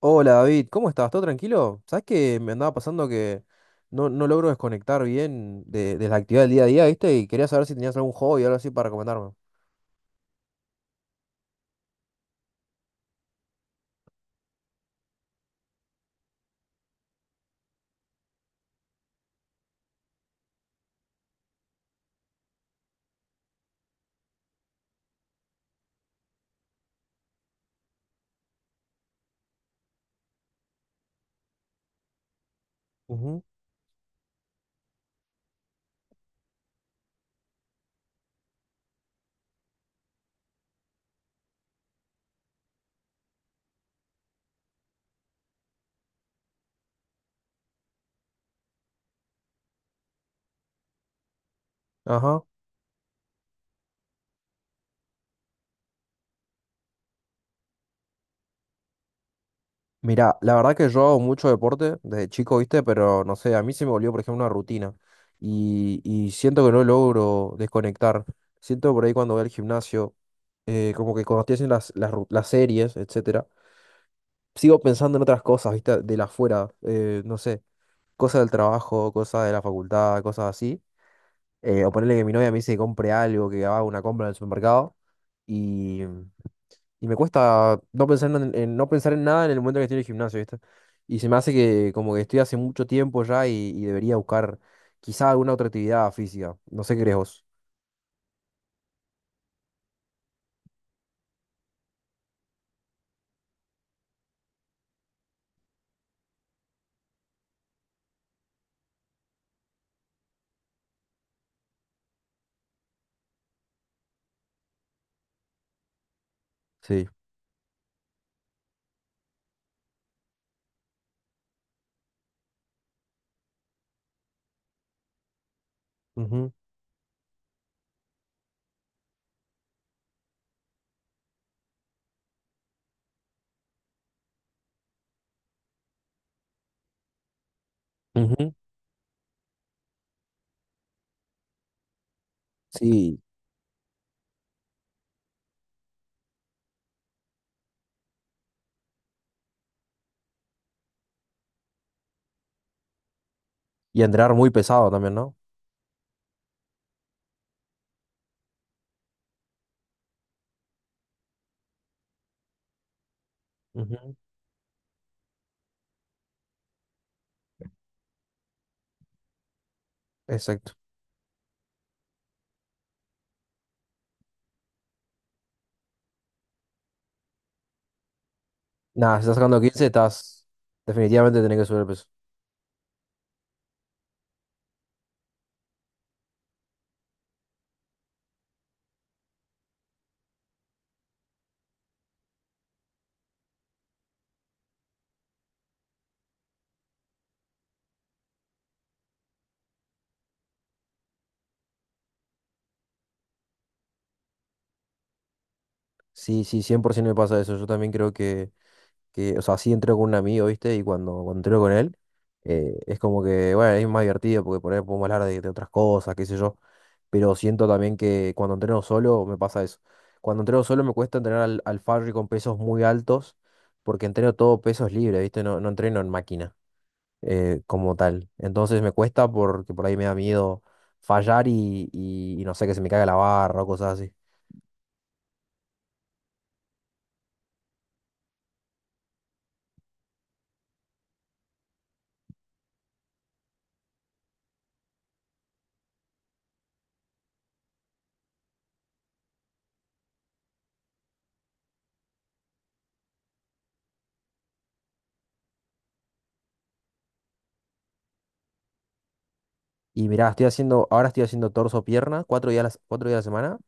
Hola David, ¿cómo estás? ¿Todo tranquilo? ¿Sabes que me andaba pasando que no logro desconectar bien de la actividad del día a día? ¿Viste? Y quería saber si tenías algún hobby o algo así para recomendarme. Ujú. Ajá. Mirá, la verdad que yo hago mucho deporte desde chico, ¿viste? Pero no sé, a mí se me volvió, por ejemplo, una rutina. Y siento que no logro desconectar. Siento por ahí cuando voy al gimnasio, como que cuando estoy haciendo las series, etcétera, sigo pensando en otras cosas, ¿viste? De la afuera, no sé. Cosas del trabajo, cosas de la facultad, cosas así. O ponerle que mi novia me dice que compre algo, que haga una compra en el supermercado. Y, y me cuesta no pensar no pensar en nada en el momento que estoy en el gimnasio, ¿viste? Y se me hace que como que estoy hace mucho tiempo ya y debería buscar quizá alguna otra actividad física. No sé qué crees vos. Sí. Ujú, ujú. Sí. Y entrenar muy pesado también, ¿no? Ujú. Exacto. Nada, si estás sacando 15, estás... Definitivamente tenés que subir el peso. Sí, sí, 100% me pasa eso. Yo también creo o sea, sí entreno con un amigo, ¿viste? Y cuando entreno con él, es como que, bueno, es más divertido porque por ahí podemos hablar de otras cosas, qué sé yo. Pero siento también que cuando entreno solo me pasa eso. Cuando entreno solo me cuesta entrenar al Farri con pesos muy altos porque entreno todo pesos libres, ¿viste? No entreno en máquina como tal. Entonces me cuesta porque por ahí me da miedo fallar y no sé, que se me caiga la barra o cosas así. Y mirá, estoy haciendo, ahora estoy haciendo torso-pierna, cuatro días a la semana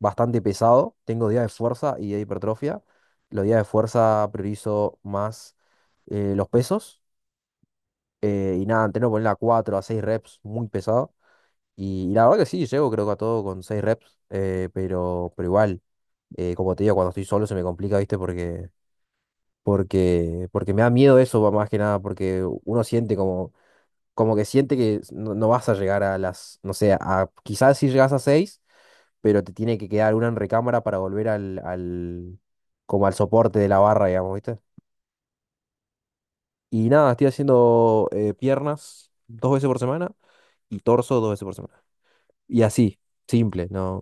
bastante pesado. Tengo días de fuerza y de hipertrofia. Los días de fuerza priorizo más los pesos. Y nada, entreno poner a 4 a 6 reps, muy pesado. Y la verdad que sí, llego creo que a todo con 6 reps. Pero igual, como te digo, cuando estoy solo se me complica, ¿viste? Porque me da miedo eso, va, más que nada, porque uno siente como, como que siente que no vas a llegar a las, no sé, a, quizás si llegas a seis, pero te tiene que quedar una en recámara para volver como al soporte de la barra, digamos, ¿viste? Y nada, estoy haciendo piernas dos veces por semana y torso dos veces por semana. Y así, simple, ¿no?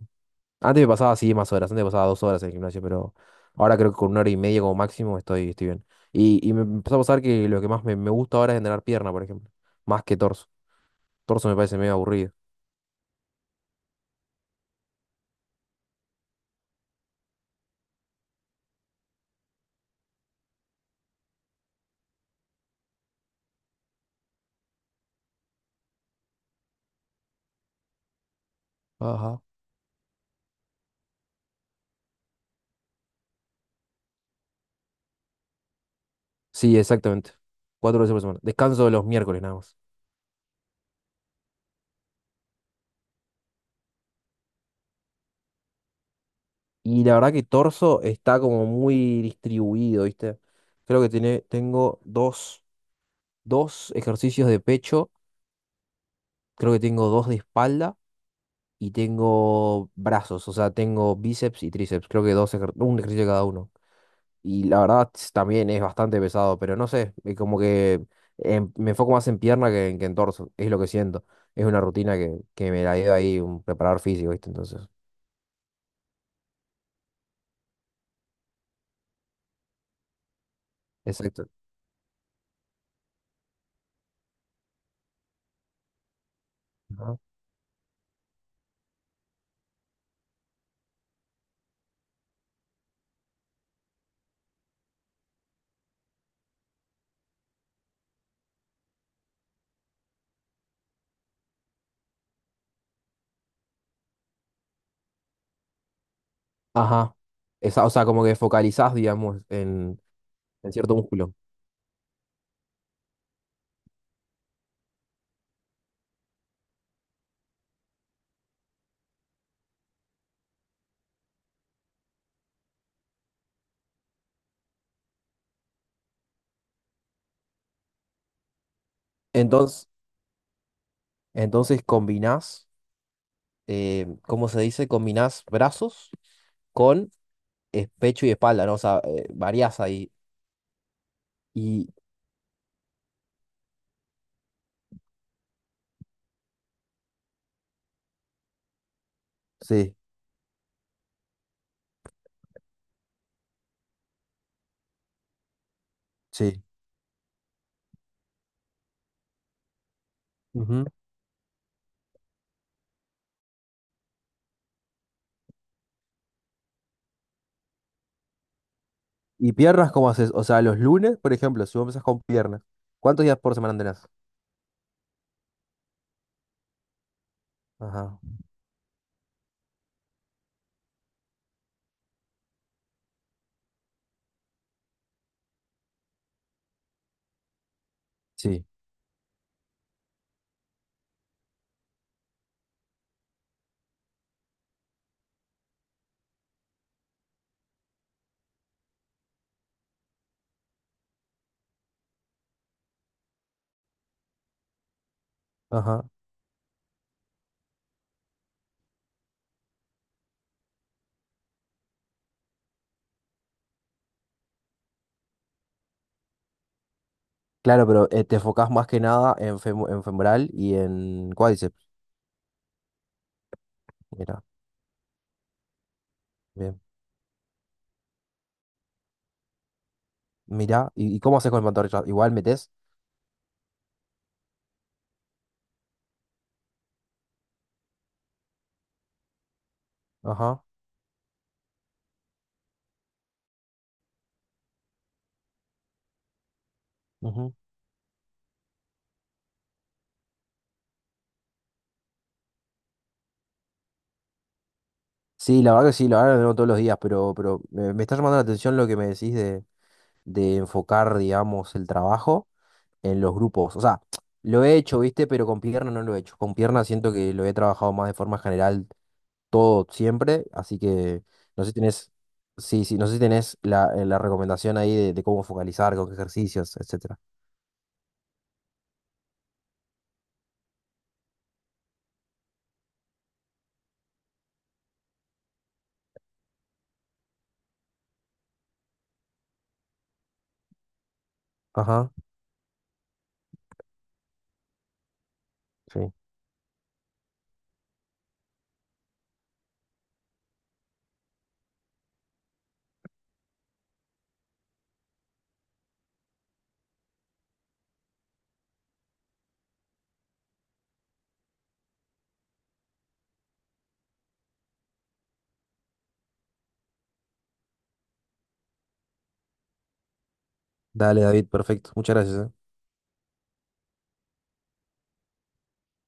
Antes me pasaba así más horas, antes me pasaba dos horas en el gimnasio, pero ahora creo que con una hora y media como máximo estoy, estoy bien. Y me empezó a pasar que lo que más me gusta ahora es entrenar pierna, por ejemplo, más que torso. Torso me parece medio aburrido. Ajá. Sí, exactamente. Cuatro veces por semana. Descanso los miércoles nada más. Y la verdad que torso está como muy distribuido, ¿viste? Creo que tengo dos ejercicios de pecho, creo que tengo dos de espalda y tengo brazos, o sea, tengo bíceps y tríceps, creo que un ejercicio cada uno. Y la verdad también es bastante pesado, pero no sé, como que me enfoco más en pierna que en torso, es lo que siento. Es una rutina que me la dio ahí un preparador físico, ¿viste? Entonces, exacto. Ajá. Esa, o sea, como que focalizás, digamos, en cierto músculo. Entonces, entonces combinás, ¿cómo se dice? Combinás brazos con pecho y espalda, ¿no? O sea, variás ahí. Y sí, sí. Ujú. ¿Y piernas cómo haces? O sea, los lunes, por ejemplo, si vos empezás con piernas, ¿cuántos días por semana tenés? Ajá. Sí. Ajá. Claro, pero te enfocás más que nada en, en femoral y en cuádriceps. Mira, bien. Mira, y cómo haces con el pantorrilla? Igual metes. Ajá. Ujú. Sí, la verdad que sí, la verdad que lo veo todos los días, pero me está llamando la atención lo que me decís de enfocar, digamos, el trabajo en los grupos. O sea, lo he hecho, ¿viste? Pero con pierna no lo he hecho. Con pierna siento que lo he trabajado más de forma general todo, siempre. Así que no sé si tenés, sí, sí, no sé si tenés la, la recomendación ahí de cómo focalizar, con qué ejercicios, etcétera. Ajá. Sí. Dale, David, perfecto. Muchas gracias, ¿eh?